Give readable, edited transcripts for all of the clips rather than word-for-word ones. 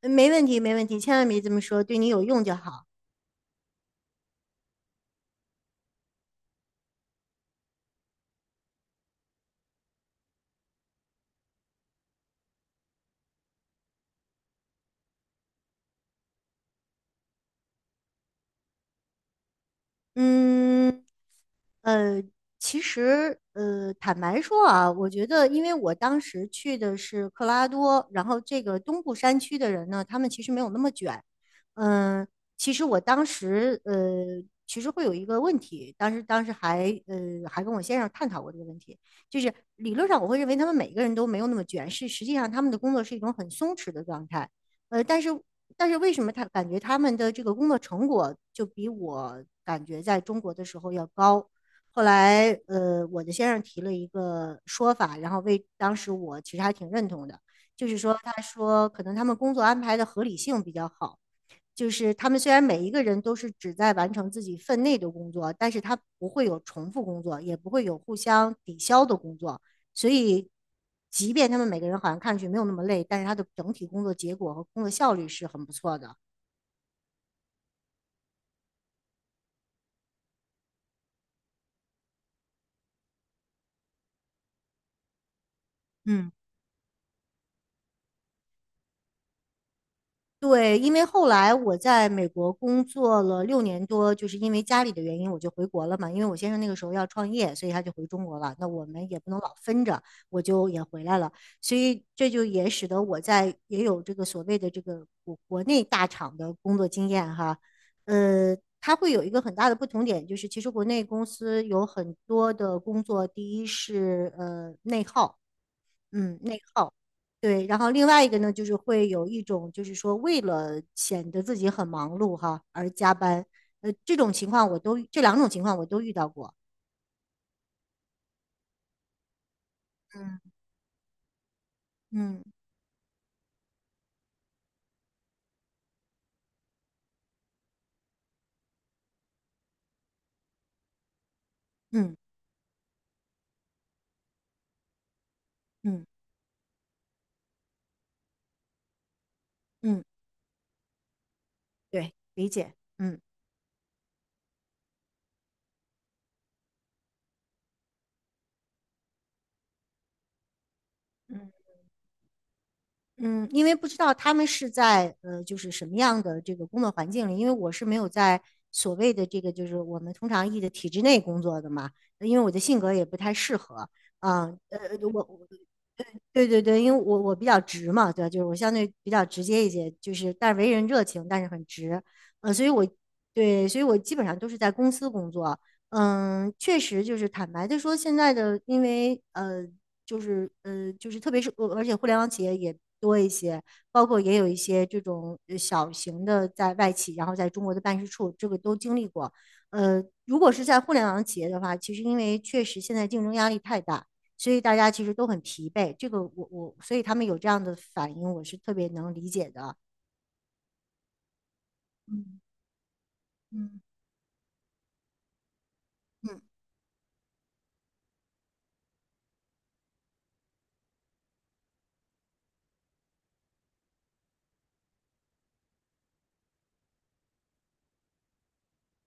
没问题，没问题，千万别这么说，对你有用就好。嗯，呃，其实，坦白说啊，我觉得，因为我当时去的是克拉多，然后这个东部山区的人呢，他们其实没有那么卷。嗯、其实我当时，其实会有一个问题，当时还，还跟我先生探讨过这个问题，就是理论上我会认为他们每个人都没有那么卷，是实际上他们的工作是一种很松弛的状态。呃，但是但是为什么他感觉他们的这个工作成果就比我感觉在中国的时候要高？后来，我的先生提了一个说法，然后为当时我其实还挺认同的，就是说，他说可能他们工作安排的合理性比较好，就是他们虽然每一个人都是只在完成自己分内的工作，但是他不会有重复工作，也不会有互相抵消的工作，所以，即便他们每个人好像看上去没有那么累，但是他的整体工作结果和工作效率是很不错的。嗯。对，因为后来我在美国工作了6年多，就是因为家里的原因，我就回国了嘛。因为我先生那个时候要创业，所以他就回中国了。那我们也不能老分着，我就也回来了。所以这就也使得我在也有这个所谓的这个国内大厂的工作经验哈。呃，它会有一个很大的不同点，就是其实国内公司有很多的工作，第一是内耗，嗯，内耗。对，然后另外一个呢，就是会有一种，就是说为了显得自己很忙碌哈而加班，这种情况这两种情况我都遇到过。嗯嗯嗯嗯嗯，对，理解。嗯嗯嗯，因为不知道他们是在就是什么样的这个工作环境里，因为我是没有在所谓的这个就是我们通常译的体制内工作的嘛，因为我的性格也不太适合。啊，呃，我对对对，因为我比较直嘛，对吧？就是我相对比较直接一些，就是但是为人热情，但是很直，呃，所以我对，所以我基本上都是在公司工作，嗯，确实就是坦白的说，现在的因为呃，就是呃，就是特别是而且互联网企业也多一些，包括也有一些这种小型的在外企，然后在中国的办事处，这个都经历过，如果是在互联网企业的话，其实因为确实现在竞争压力太大。所以大家其实都很疲惫。这个我我，所以他们有这样的反应，我是特别能理解的。嗯嗯嗯，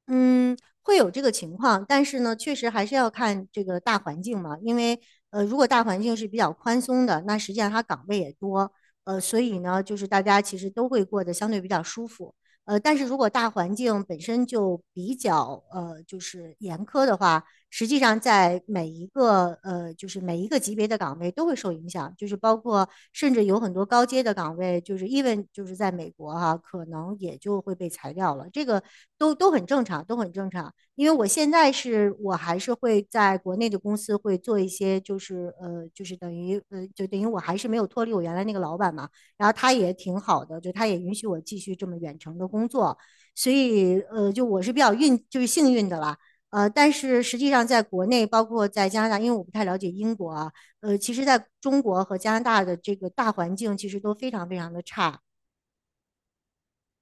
嗯，会有这个情况，但是呢，确实还是要看这个大环境嘛。因为如果大环境是比较宽松的，那实际上它岗位也多，所以呢，就是大家其实都会过得相对比较舒服。但是如果大环境本身就比较就是严苛的话，实际上在每一个就是每一个级别的岗位都会受影响，就是包括甚至有很多高阶的岗位，就是 even 就是在美国哈、啊可能也就会被裁掉了，这个都都很正常，都很正常。因为我现在是我还是会在国内的公司会做一些，就是呃，就是等于呃，就等于我还是没有脱离我原来那个老板嘛，然后他也挺好的，就他也允许我继续这么远程的工作，所以就我是比较运，就是幸运的啦。但是实际上在国内，包括在加拿大，因为我不太了解英国啊，其实在中国和加拿大的这个大环境其实都非常非常的差，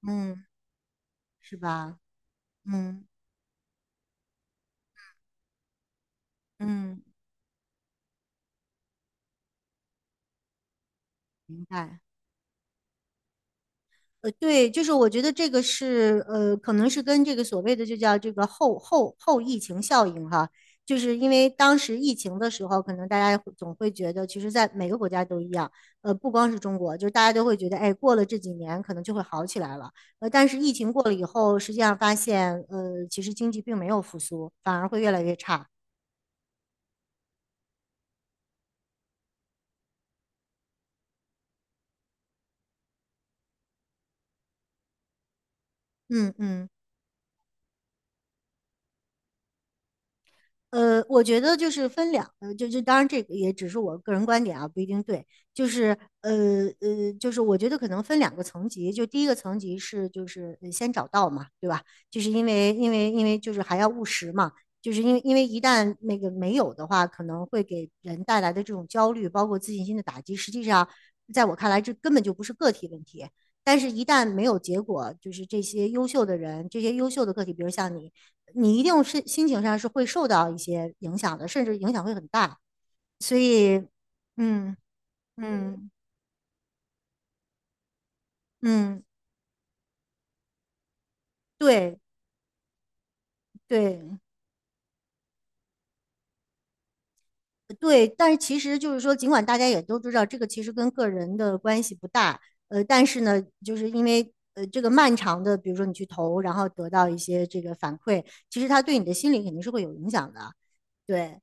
嗯，是吧？嗯嗯，明白。对，就是我觉得这个是可能是跟这个所谓的就叫这个后疫情效应哈，就是因为当时疫情的时候，可能大家会总会觉得，其实在每个国家都一样，不光是中国，就是大家都会觉得，哎，过了这几年可能就会好起来了，但是疫情过了以后，实际上发现，其实经济并没有复苏，反而会越来越差。嗯嗯。我觉得就是分两呃，就就当然这个也只是我个人观点啊，不一定对。就是我觉得可能分两个层级，就第一个层级是先找到嘛，对吧？就是因为就是还要务实嘛，就是因为一旦那个没有的话，可能会给人带来的这种焦虑，包括自信心的打击，实际上在我看来，这根本就不是个体问题。但是，一旦没有结果，就是这些优秀的人，这些优秀的个体，比如像你，你一定是心情上是会受到一些影响的，甚至影响会很大。所以，嗯嗯嗯，对对对。但是其实就是说，尽管大家也都知道这个其实跟个人的关系不大，但是呢，就是因为这个漫长的，比如说你去投，然后得到一些这个反馈，其实它对你的心理肯定是会有影响的。对，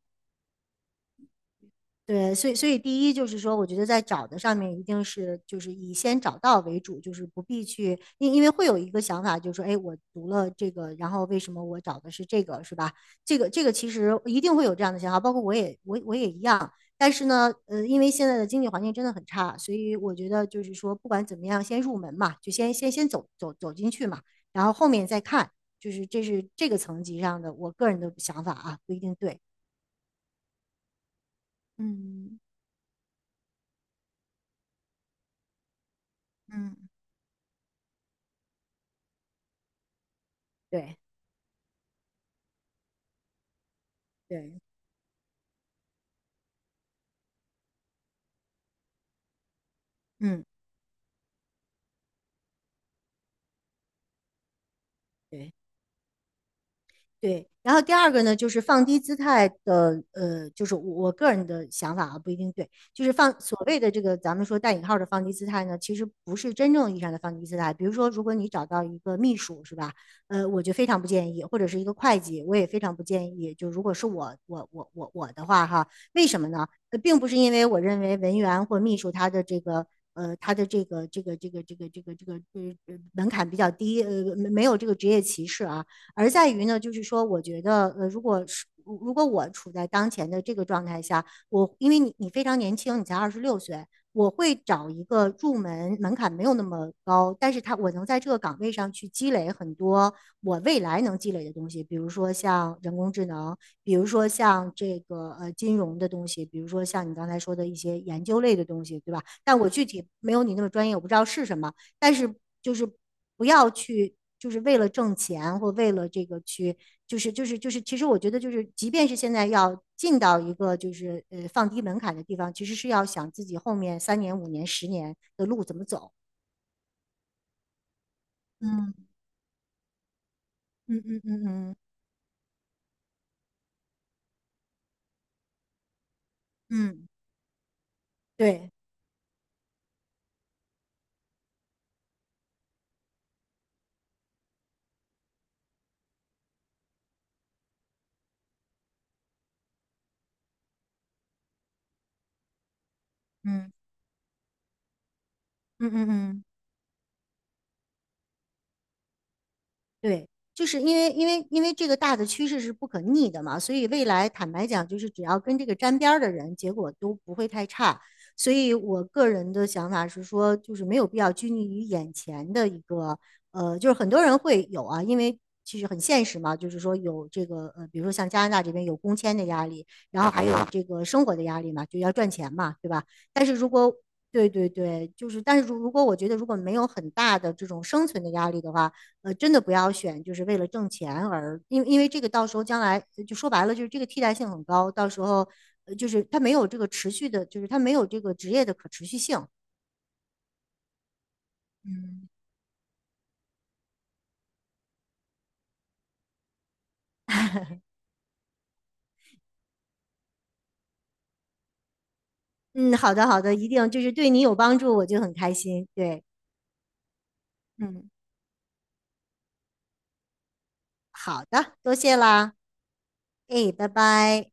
对，所以第一就是说，我觉得在找的上面一定是就是以先找到为主，就是不必去，因为会有一个想法，就是说，哎，我读了这个，然后为什么我找的是这个，是吧？这个其实一定会有这样的想法，包括我也一样。但是呢，因为现在的经济环境真的很差，所以我觉得就是说，不管怎么样，先入门嘛，就先走进去嘛，然后后面再看，就是这是这个层级上的我个人的想法啊，不一定对。嗯。嗯，对对。嗯，对对。然后第二个呢，就是放低姿态的，就是我个人的想法啊，不一定对。就是放所谓的这个咱们说带引号的放低姿态呢，其实不是真正意义上的放低姿态。比如说，如果你找到一个秘书，是吧？我就非常不建议，或者是一个会计，我也非常不建议。就如果是我的话哈，为什么呢？并不是因为我认为文员或秘书他的这个。呃，他的这个这个这个这个这个这个呃呃门槛比较低，没有这个职业歧视啊，而在于呢，就是说，我觉得如果是如果我处在当前的这个状态下，我因为你非常年轻，你才26岁，我会找一个入门门槛没有那么高，但是它我能在这个岗位上去积累很多我未来能积累的东西，比如说像人工智能，比如说像这个金融的东西，比如说像你刚才说的一些研究类的东西，对吧？但我具体没有你那么专业，我不知道是什么，但是就是不要去，就是为了挣钱或为了这个去，其实我觉得就是，即便是现在要进到一个就是放低门槛的地方，其实是要想自己后面3年、5年、10年的路怎么走。嗯嗯嗯嗯嗯嗯，对，嗯嗯嗯嗯。对，就是因为这个大的趋势是不可逆的嘛，所以未来坦白讲，就是只要跟这个沾边儿的人，结果都不会太差。所以我个人的想法是说，就是没有必要拘泥于眼前的一个，就是很多人会有啊，因为其实很现实嘛，就是说有这个，比如说像加拿大这边有工签的压力，然后还有这个生活的压力嘛，就要赚钱嘛，对吧？但是如果对对对，就是，但是如果我觉得如果没有很大的这种生存的压力的话，真的不要选，就是为了挣钱而，因为这个到时候将来就说白了，就是这个替代性很高，到时候就是它没有这个持续的，就是它没有这个职业的可持续性。嗯嗯，好的好的，一定就是对你有帮助，我就很开心。对，嗯。好的，多谢啦，哎，拜拜。